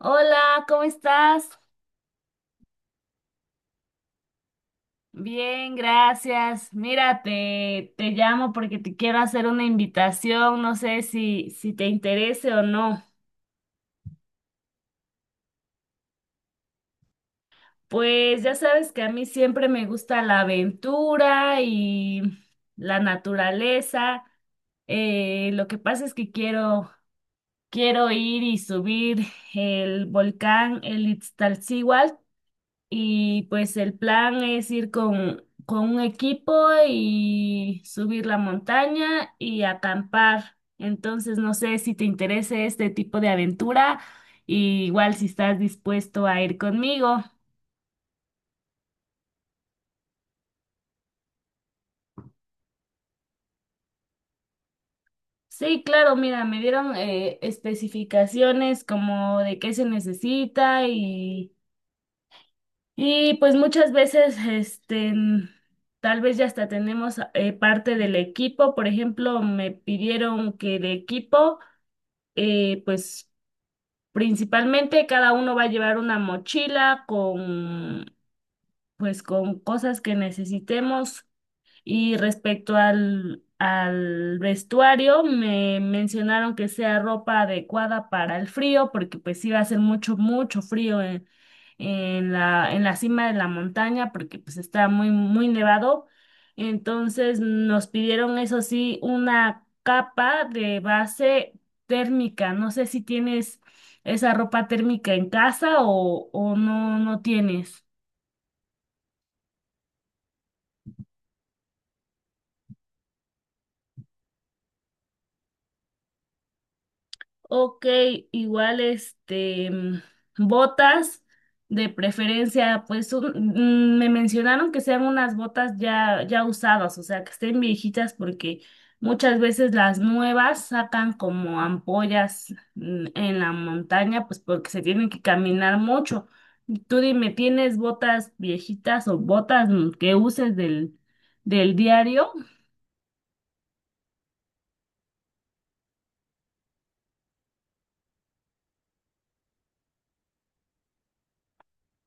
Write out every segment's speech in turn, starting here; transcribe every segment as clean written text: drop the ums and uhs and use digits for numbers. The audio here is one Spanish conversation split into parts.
Hola, ¿cómo estás? Bien, gracias. Mira, te llamo porque te quiero hacer una invitación, no sé si te interese o no. Pues ya sabes que a mí siempre me gusta la aventura y la naturaleza. Lo que pasa es que quiero ir y subir el volcán, el Iztaccíhuatl. Y pues el plan es ir con un equipo y subir la montaña y acampar. Entonces, no sé si te interesa este tipo de aventura, y igual si estás dispuesto a ir conmigo. Sí, claro, mira, me dieron especificaciones como de qué se necesita y pues muchas veces, este, tal vez ya hasta tenemos parte del equipo. Por ejemplo, me pidieron que el equipo eh, pues principalmente cada uno va a llevar una mochila con, pues, con cosas que necesitemos y respecto al vestuario, me mencionaron que sea ropa adecuada para el frío, porque pues sí va a hacer mucho, mucho frío en la cima de la montaña, porque pues está muy, muy nevado. Entonces nos pidieron, eso sí, una capa de base térmica. No sé si tienes esa ropa térmica en casa o no tienes. Ok, igual este botas de preferencia, me mencionaron que sean unas botas ya usadas, o sea, que estén viejitas porque muchas veces las nuevas sacan como ampollas en la montaña, pues porque se tienen que caminar mucho. Tú dime, ¿tienes botas viejitas o botas que uses del diario?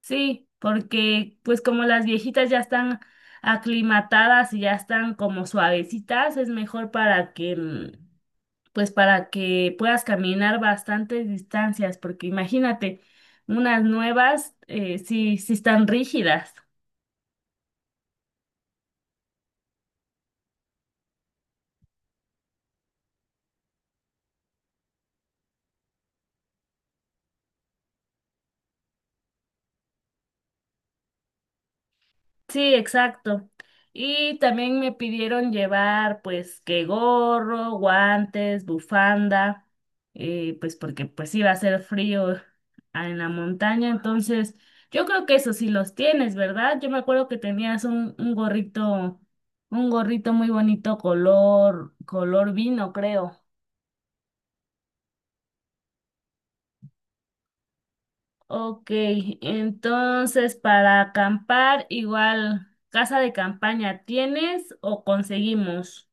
Sí, porque pues como las viejitas ya están aclimatadas y ya están como suavecitas, es mejor para que pues para que puedas caminar bastantes distancias, porque imagínate, unas nuevas sí están rígidas. Sí, exacto. Y también me pidieron llevar pues que gorro, guantes, bufanda, pues porque pues iba a ser frío en la montaña. Entonces, yo creo que eso sí los tienes, ¿verdad? Yo me acuerdo que tenías un gorrito, un gorrito muy bonito color, color vino, creo. Ok, entonces para acampar, igual, casa de campaña, ¿tienes o conseguimos?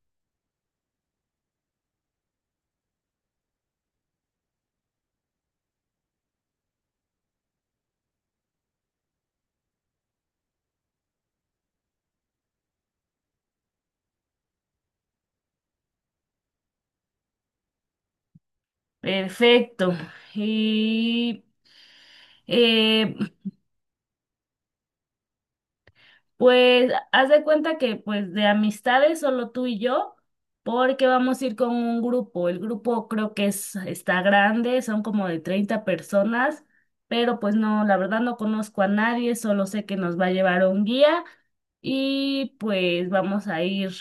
Perfecto. Y eh, pues haz de cuenta que pues de amistades solo tú y yo, porque vamos a ir con un grupo. El grupo creo está grande, son como de 30 personas, pero pues no, la verdad no conozco a nadie, solo sé que nos va a llevar un guía y pues vamos a ir.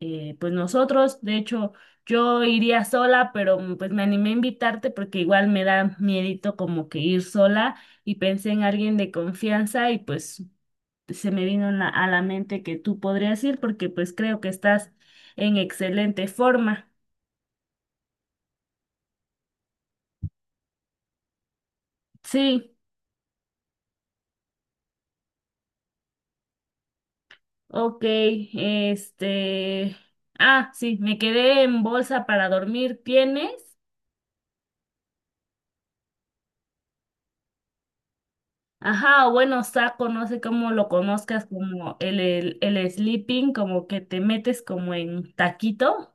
Pues nosotros. De hecho, yo iría sola, pero pues me animé a invitarte porque igual me da miedito como que ir sola y pensé en alguien de confianza y pues se me vino a la mente que tú podrías ir porque pues creo que estás en excelente forma. Sí, ok, este... Ah, sí, me quedé en bolsa para dormir. ¿Tienes? Ajá, o bueno, saco, no sé cómo lo conozcas, como el sleeping, como que te metes como en taquito.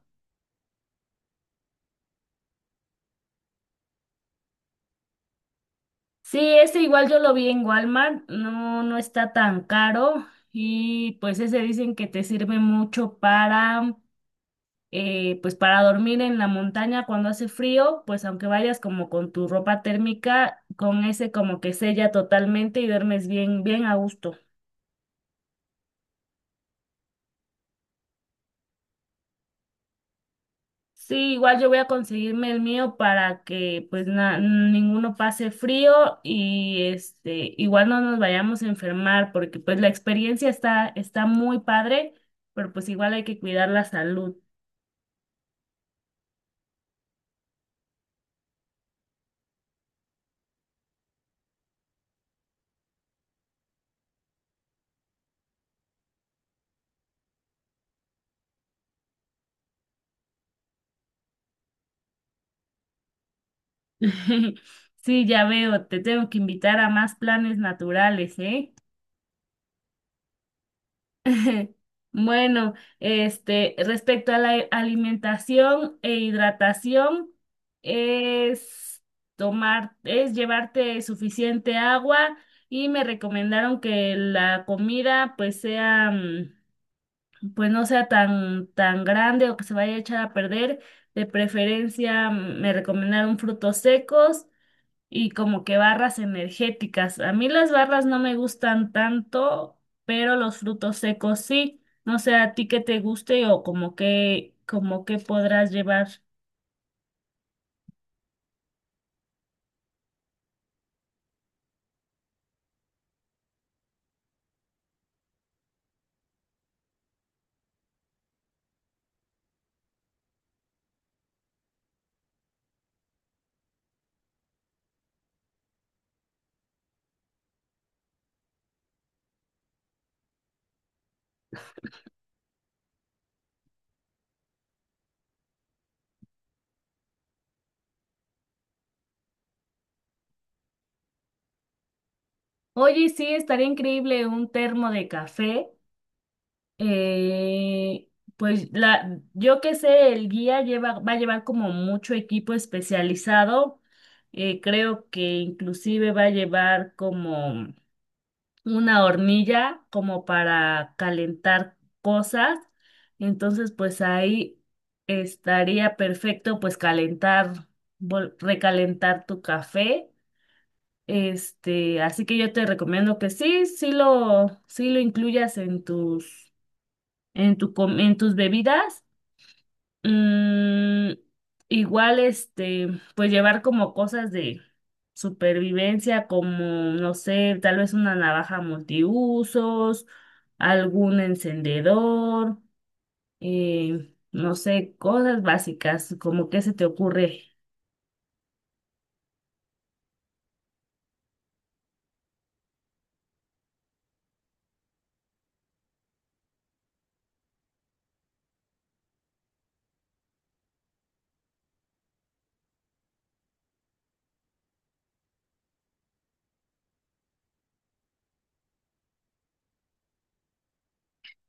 Sí, ese igual yo lo vi en Walmart, no está tan caro y pues ese dicen que te sirve mucho para, pues para dormir en la montaña cuando hace frío, pues aunque vayas como con tu ropa térmica, con ese como que sella totalmente y duermes bien, bien a gusto. Sí, igual yo voy a conseguirme el mío para que pues ninguno pase frío y este igual no nos vayamos a enfermar porque pues la experiencia está muy padre, pero pues igual hay que cuidar la salud. Sí, ya veo, te tengo que invitar a más planes naturales, ¿eh? Bueno, este, respecto a la alimentación e hidratación, es tomar, es llevarte suficiente agua y me recomendaron que la comida pues sea, pues no sea tan, tan grande o que se vaya a echar a perder. De preferencia, me recomendaron frutos secos y como que barras energéticas. A mí las barras no me gustan tanto, pero los frutos secos sí. No sé a ti qué te guste o como que podrás llevar. Oye, sí, estaría increíble un termo de café. Eh, pues la, yo que sé, va a llevar como mucho equipo especializado. Creo que inclusive va a llevar como una hornilla como para calentar cosas. Entonces, pues ahí estaría perfecto pues recalentar tu café. Este, así que yo te recomiendo sí lo incluyas en tus, en tus bebidas. Mm, Igual, este, pues llevar como cosas de supervivencia, como, no sé, tal vez una navaja multiusos, algún encendedor, no sé, cosas básicas, como qué se te ocurre.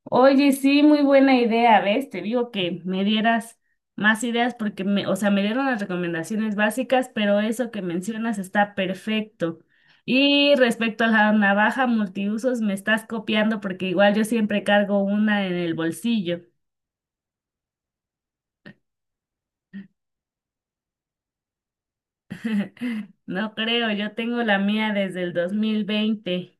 Oye, sí, muy buena idea, ¿ves? Te digo que me dieras más ideas porque o sea, me dieron las recomendaciones básicas, pero eso que mencionas está perfecto. Y respecto a la navaja multiusos, me estás copiando porque igual yo siempre cargo una en el bolsillo. No creo, yo tengo la mía desde el 2020.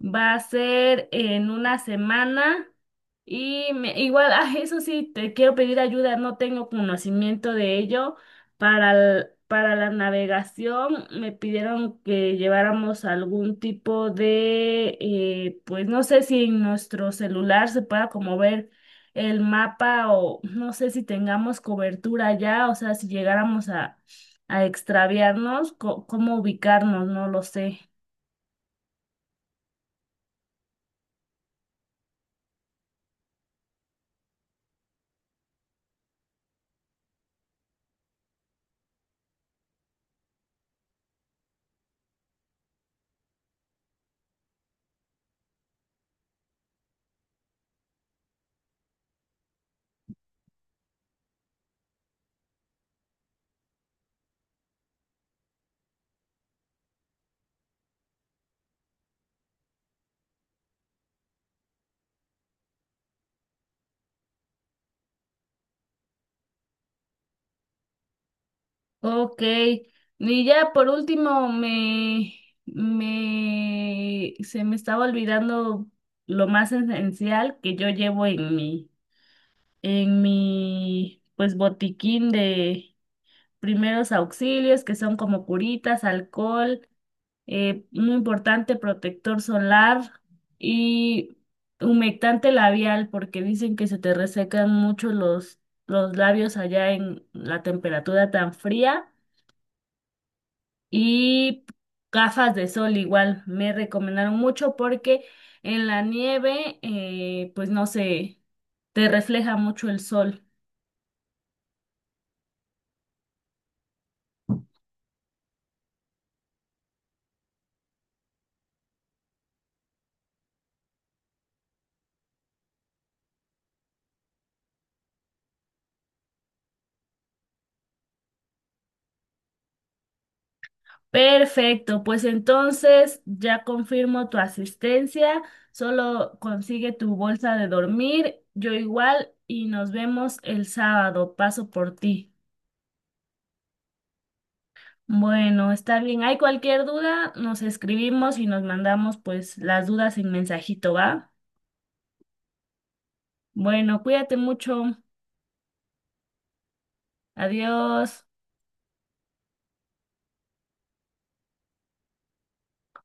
Va a ser en una semana y eso sí, te quiero pedir ayuda, no tengo conocimiento de ello. Para, para la navegación me pidieron que lleváramos algún tipo de, pues no sé si en nuestro celular se pueda como ver el mapa o no sé si tengamos cobertura ya, o sea, si llegáramos a extraviarnos, cómo ubicarnos, no lo sé. Ok, y ya por último me se me estaba olvidando lo más esencial que yo llevo en en mi pues botiquín de primeros auxilios, que son como curitas, alcohol, muy importante protector solar y humectante labial, porque dicen que se te resecan mucho los labios allá en la temperatura tan fría. Y gafas de sol igual me recomendaron mucho porque en la nieve, pues no sé, te refleja mucho el sol. Perfecto, pues entonces ya confirmo tu asistencia, solo consigue tu bolsa de dormir, yo igual y nos vemos el sábado, paso por ti. Bueno, está bien, hay cualquier duda, nos escribimos y nos mandamos pues las dudas en mensajito, ¿va? Bueno, cuídate mucho. Adiós.